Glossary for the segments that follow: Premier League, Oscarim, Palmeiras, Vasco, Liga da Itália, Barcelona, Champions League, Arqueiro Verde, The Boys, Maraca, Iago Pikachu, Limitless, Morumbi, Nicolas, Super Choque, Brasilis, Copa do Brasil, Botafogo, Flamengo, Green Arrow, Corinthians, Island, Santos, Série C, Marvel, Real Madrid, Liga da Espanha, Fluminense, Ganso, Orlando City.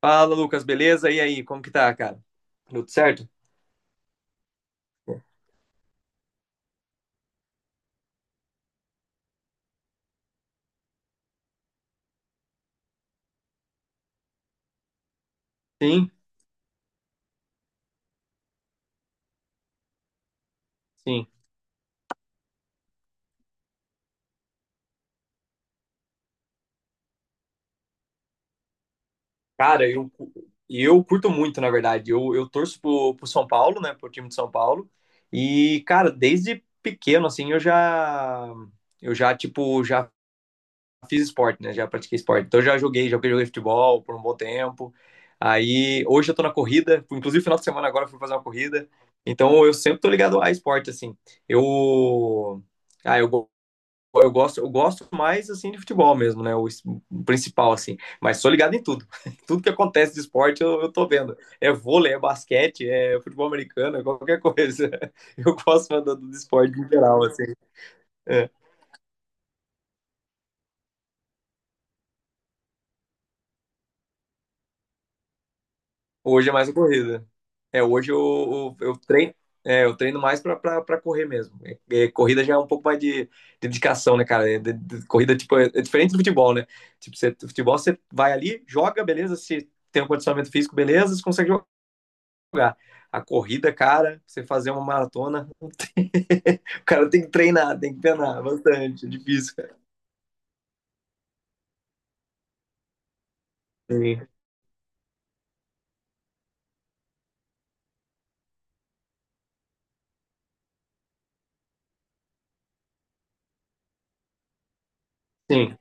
Fala, Lucas, beleza? E aí, como que tá, cara? Tudo certo? Sim, sim. Cara, eu curto muito, na verdade. Eu torço pro São Paulo, né? Pro time de São Paulo. E, cara, desde pequeno, assim, já fiz esporte, né? Já pratiquei esporte. Então, eu já joguei futebol por um bom tempo. Aí, hoje eu tô na corrida. Inclusive, final de semana agora eu fui fazer uma corrida. Então, eu sempre tô ligado a esporte, assim. Eu... Ah, eu gosto, eu gosto mais assim de futebol mesmo, né? O principal, assim. Mas sou ligado em tudo. Tudo que acontece de esporte, eu tô vendo. É vôlei, é basquete, é futebol americano, é qualquer coisa. Eu gosto do esporte em geral, assim. É. Hoje é mais a corrida. É, hoje eu treino. É, eu treino mais pra correr mesmo. Corrida já é um pouco mais de dedicação, né, cara? Corrida, tipo, é diferente do futebol, né? Tipo, você, futebol você vai ali, joga, beleza, se tem um condicionamento físico, beleza, você consegue lugar. A corrida, cara, você fazer uma maratona, não tem... o cara tem que treinar bastante, é difícil, cara. Sim, sim.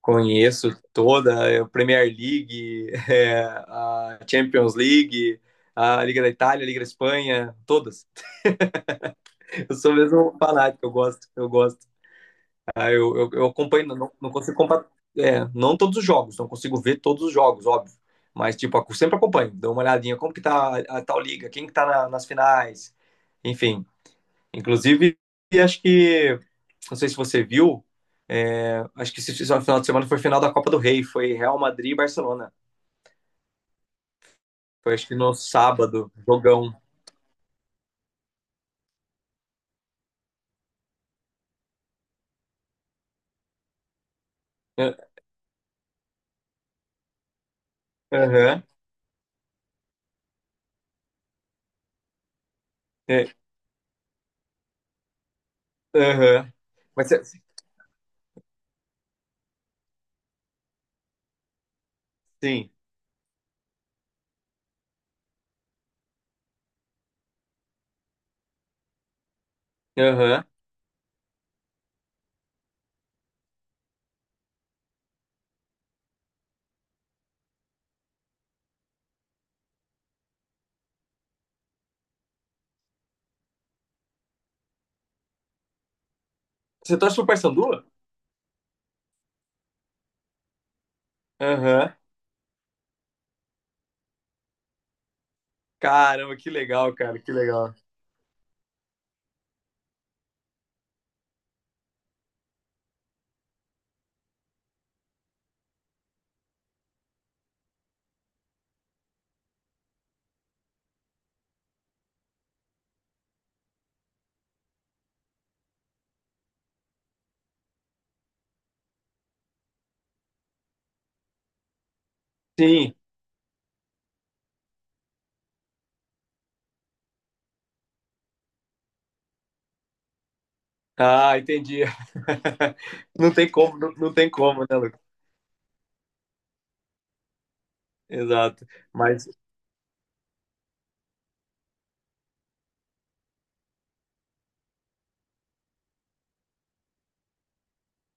Conheço toda a Premier League, é, a Champions League, a Liga da Itália, a Liga da Espanha, todas. Eu sou mesmo um fanático, eu gosto, eu gosto. Aí eu acompanho, não, não consigo comparar, é, não todos os jogos, não consigo ver todos os jogos, óbvio. Mas, tipo, sempre acompanho, dou uma olhadinha, como que tá a tal liga, quem que tá nas finais, enfim. Inclusive, acho que, não sei se você viu, é, acho que esse final de semana foi final da Copa do Rei, foi Real Madrid e Barcelona. Foi acho que no sábado, jogão. É, aham, é, aham. Mas cê- sim, aham. Você torce pro Paysandu? Aham. Caramba, que legal, cara, que legal. Sim, ah, entendi. Não tem como, não, não tem como, né, Lucas? Exato. Mas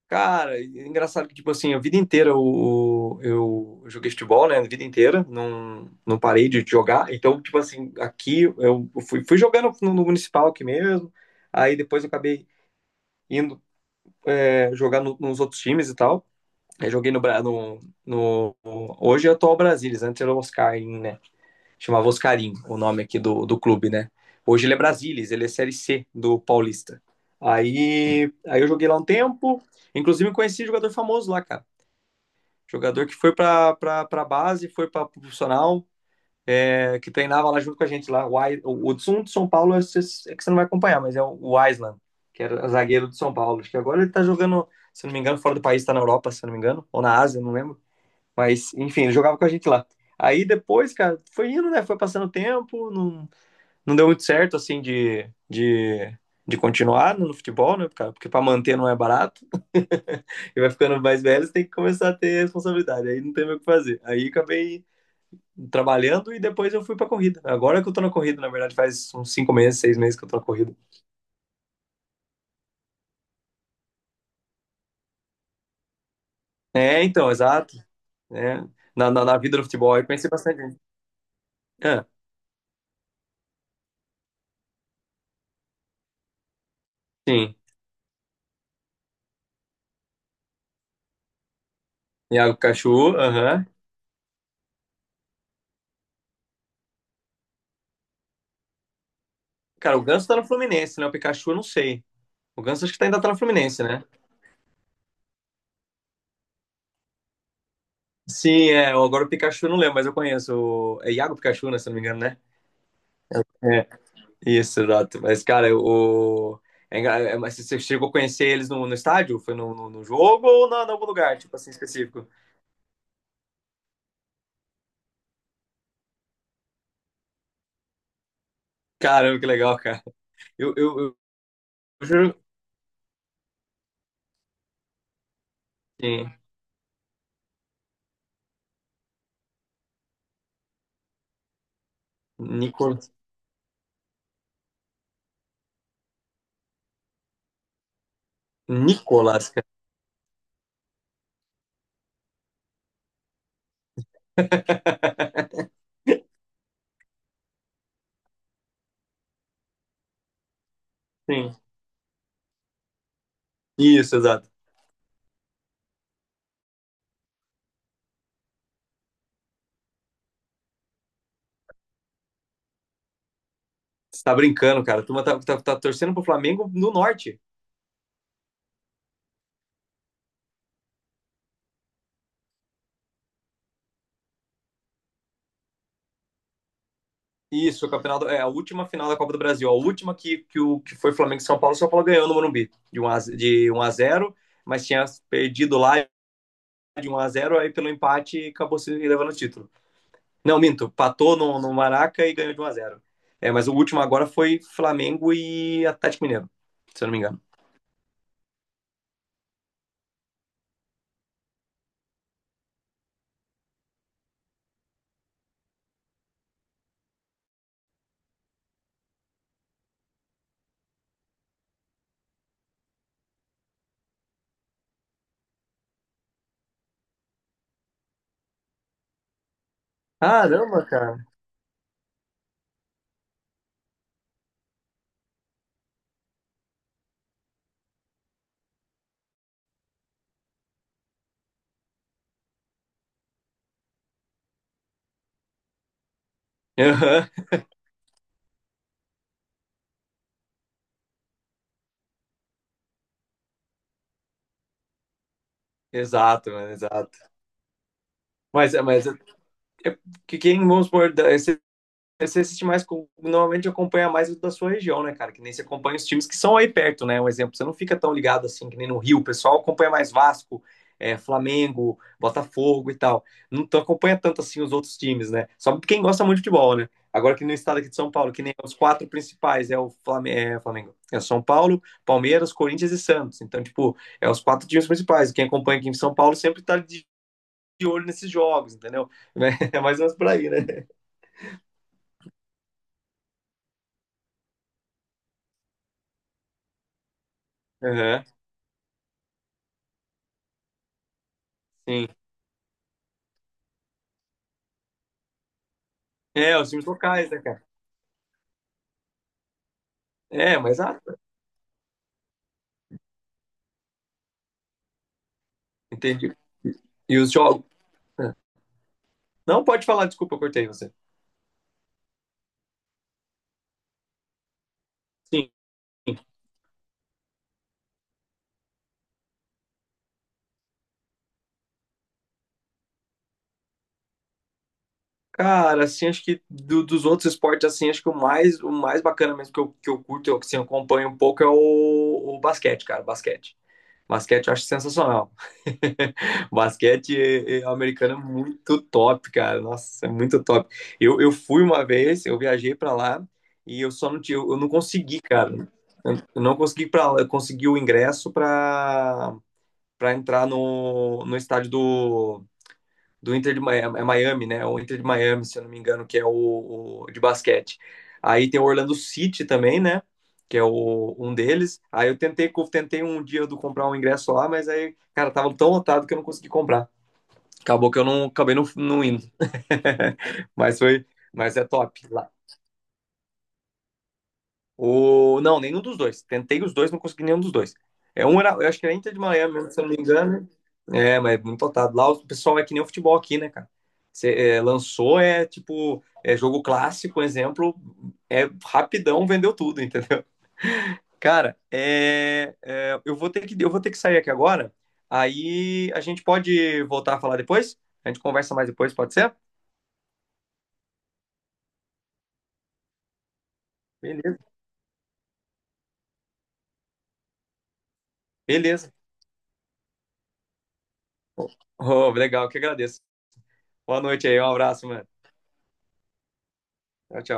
cara, é engraçado que, tipo assim, a vida inteira eu joguei futebol, né? A vida inteira, não, não parei de jogar. Então, tipo assim, aqui eu fui, fui jogando no municipal aqui mesmo. Aí depois eu acabei indo é, jogar nos outros times e tal. Aí joguei no hoje é o atual Brasilis, antes era o Oscarim, né? Chamava Oscarim, o nome aqui do clube, né? Hoje ele é Brasilis, ele é Série C do Paulista. Aí eu joguei lá um tempo, inclusive conheci um jogador famoso lá, cara. Jogador que foi para a base, foi para profissional, é, que treinava lá junto com a gente lá. O de São Paulo é que você não vai acompanhar, mas é o Island, que era zagueiro de São Paulo. Acho que agora ele está jogando, se não me engano, fora do país, está na Europa, se não me engano, ou na Ásia, não lembro. Mas, enfim, ele jogava com a gente lá. Aí depois, cara, foi indo, né? Foi passando o tempo, não, não deu muito certo, assim, de continuar no futebol, né, cara? Porque para manter não é barato. E vai ficando mais velho, você tem que começar a ter responsabilidade. Aí não tem mais o que fazer. Aí acabei trabalhando e depois eu fui pra corrida. Agora que eu tô na corrida, na verdade, faz uns 5 meses, 6 meses que eu tô na corrida. É, então, exato. É. Na na vida do futebol, eu pensei bastante nisso. Ah, sim. Iago Pikachu, aham. Cara, o Ganso tá no Fluminense, né? O Pikachu eu não sei. O Ganso acho que ainda tá no Fluminense, né? Sim, é. Agora o Pikachu eu não lembro, mas eu conheço. É Iago Pikachu, né? Se eu não me engano, né? É, isso, exato. Mas, cara, o. Você chegou a conhecer eles no estádio? Foi no jogo ou na, em algum lugar, tipo assim, específico? Caramba, que legal, cara. Eu juro. Sim. Nico... Nicolas, cara. Sim. Isso, exato. Você tá brincando, cara. A turma tá torcendo pro Flamengo no norte. Isso, o campeonato, é a última final da Copa do Brasil, a última que foi Flamengo e São Paulo. São Paulo ganhou no Morumbi de um a zero, mas tinha perdido lá de 1-0, aí pelo empate acabou se levando o título. Não, minto, patou no, no Maraca e ganhou de 1-0. É, mas o último agora foi Flamengo e Atlético Mineiro, se eu não me engano. Caramba, cara. Aham. Exato, mano, exato. Mas é, que quem, vamos supor, você assiste mais, normalmente acompanha mais o da sua região, né, cara? Que nem você acompanha os times que são aí perto, né? Um exemplo, você não fica tão ligado assim que nem no Rio, o pessoal acompanha mais Vasco, é, Flamengo, Botafogo e tal. Não acompanha tanto assim os outros times, né? Só quem gosta muito de futebol, né? Agora que no estado aqui de São Paulo, que nem os quatro principais, é o é, Flamengo, é São Paulo, Palmeiras, Corinthians e Santos. Então, tipo, é os quatro times principais. Quem acompanha aqui em São Paulo sempre tá de olho nesses jogos, entendeu? É mais ou menos por aí, né? Aham, sim. É, os times locais, né, cara? É, mas ah, entendi. E os jogos. Não pode falar, desculpa, eu cortei você. Sim. Cara, assim, acho que dos outros esportes, assim, acho que o mais bacana mesmo que eu curto, eu, assim, eu acompanho um pouco, é o basquete, cara, o basquete. Basquete eu acho sensacional. Basquete americano é muito top, cara. Nossa, é muito top. Eu fui uma vez, eu viajei pra lá e eu só não tinha, eu não consegui, cara. Eu não consegui para, eu consegui o ingresso pra para entrar no estádio do Inter de Miami, é Miami, né? É o Inter de Miami, se eu não me engano, que é o de basquete. Aí tem o Orlando City também, né? Que é o, um deles. Aí eu tentei um dia do comprar um ingresso lá, mas aí, cara, tava tão lotado que eu não consegui comprar. Acabou que eu não acabei não, não indo. Mas foi, mas é top. Lá o... Não, nenhum dos dois. Tentei os dois, não consegui nenhum dos dois. É um era, eu acho que era Inter de Miami, mesmo, se eu não me engano. É, mas é muito lotado. Lá o pessoal é que nem o futebol aqui, né, cara? Você é, lançou, é tipo, é jogo clássico, exemplo, é rapidão, vendeu tudo, entendeu? Cara, é, é, eu vou ter que, eu vou ter que sair aqui agora. Aí a gente pode voltar a falar depois? A gente conversa mais depois, pode ser? Beleza. Beleza. Oh, legal, que agradeço. Boa noite aí, um abraço, mano. Tchau, tchau.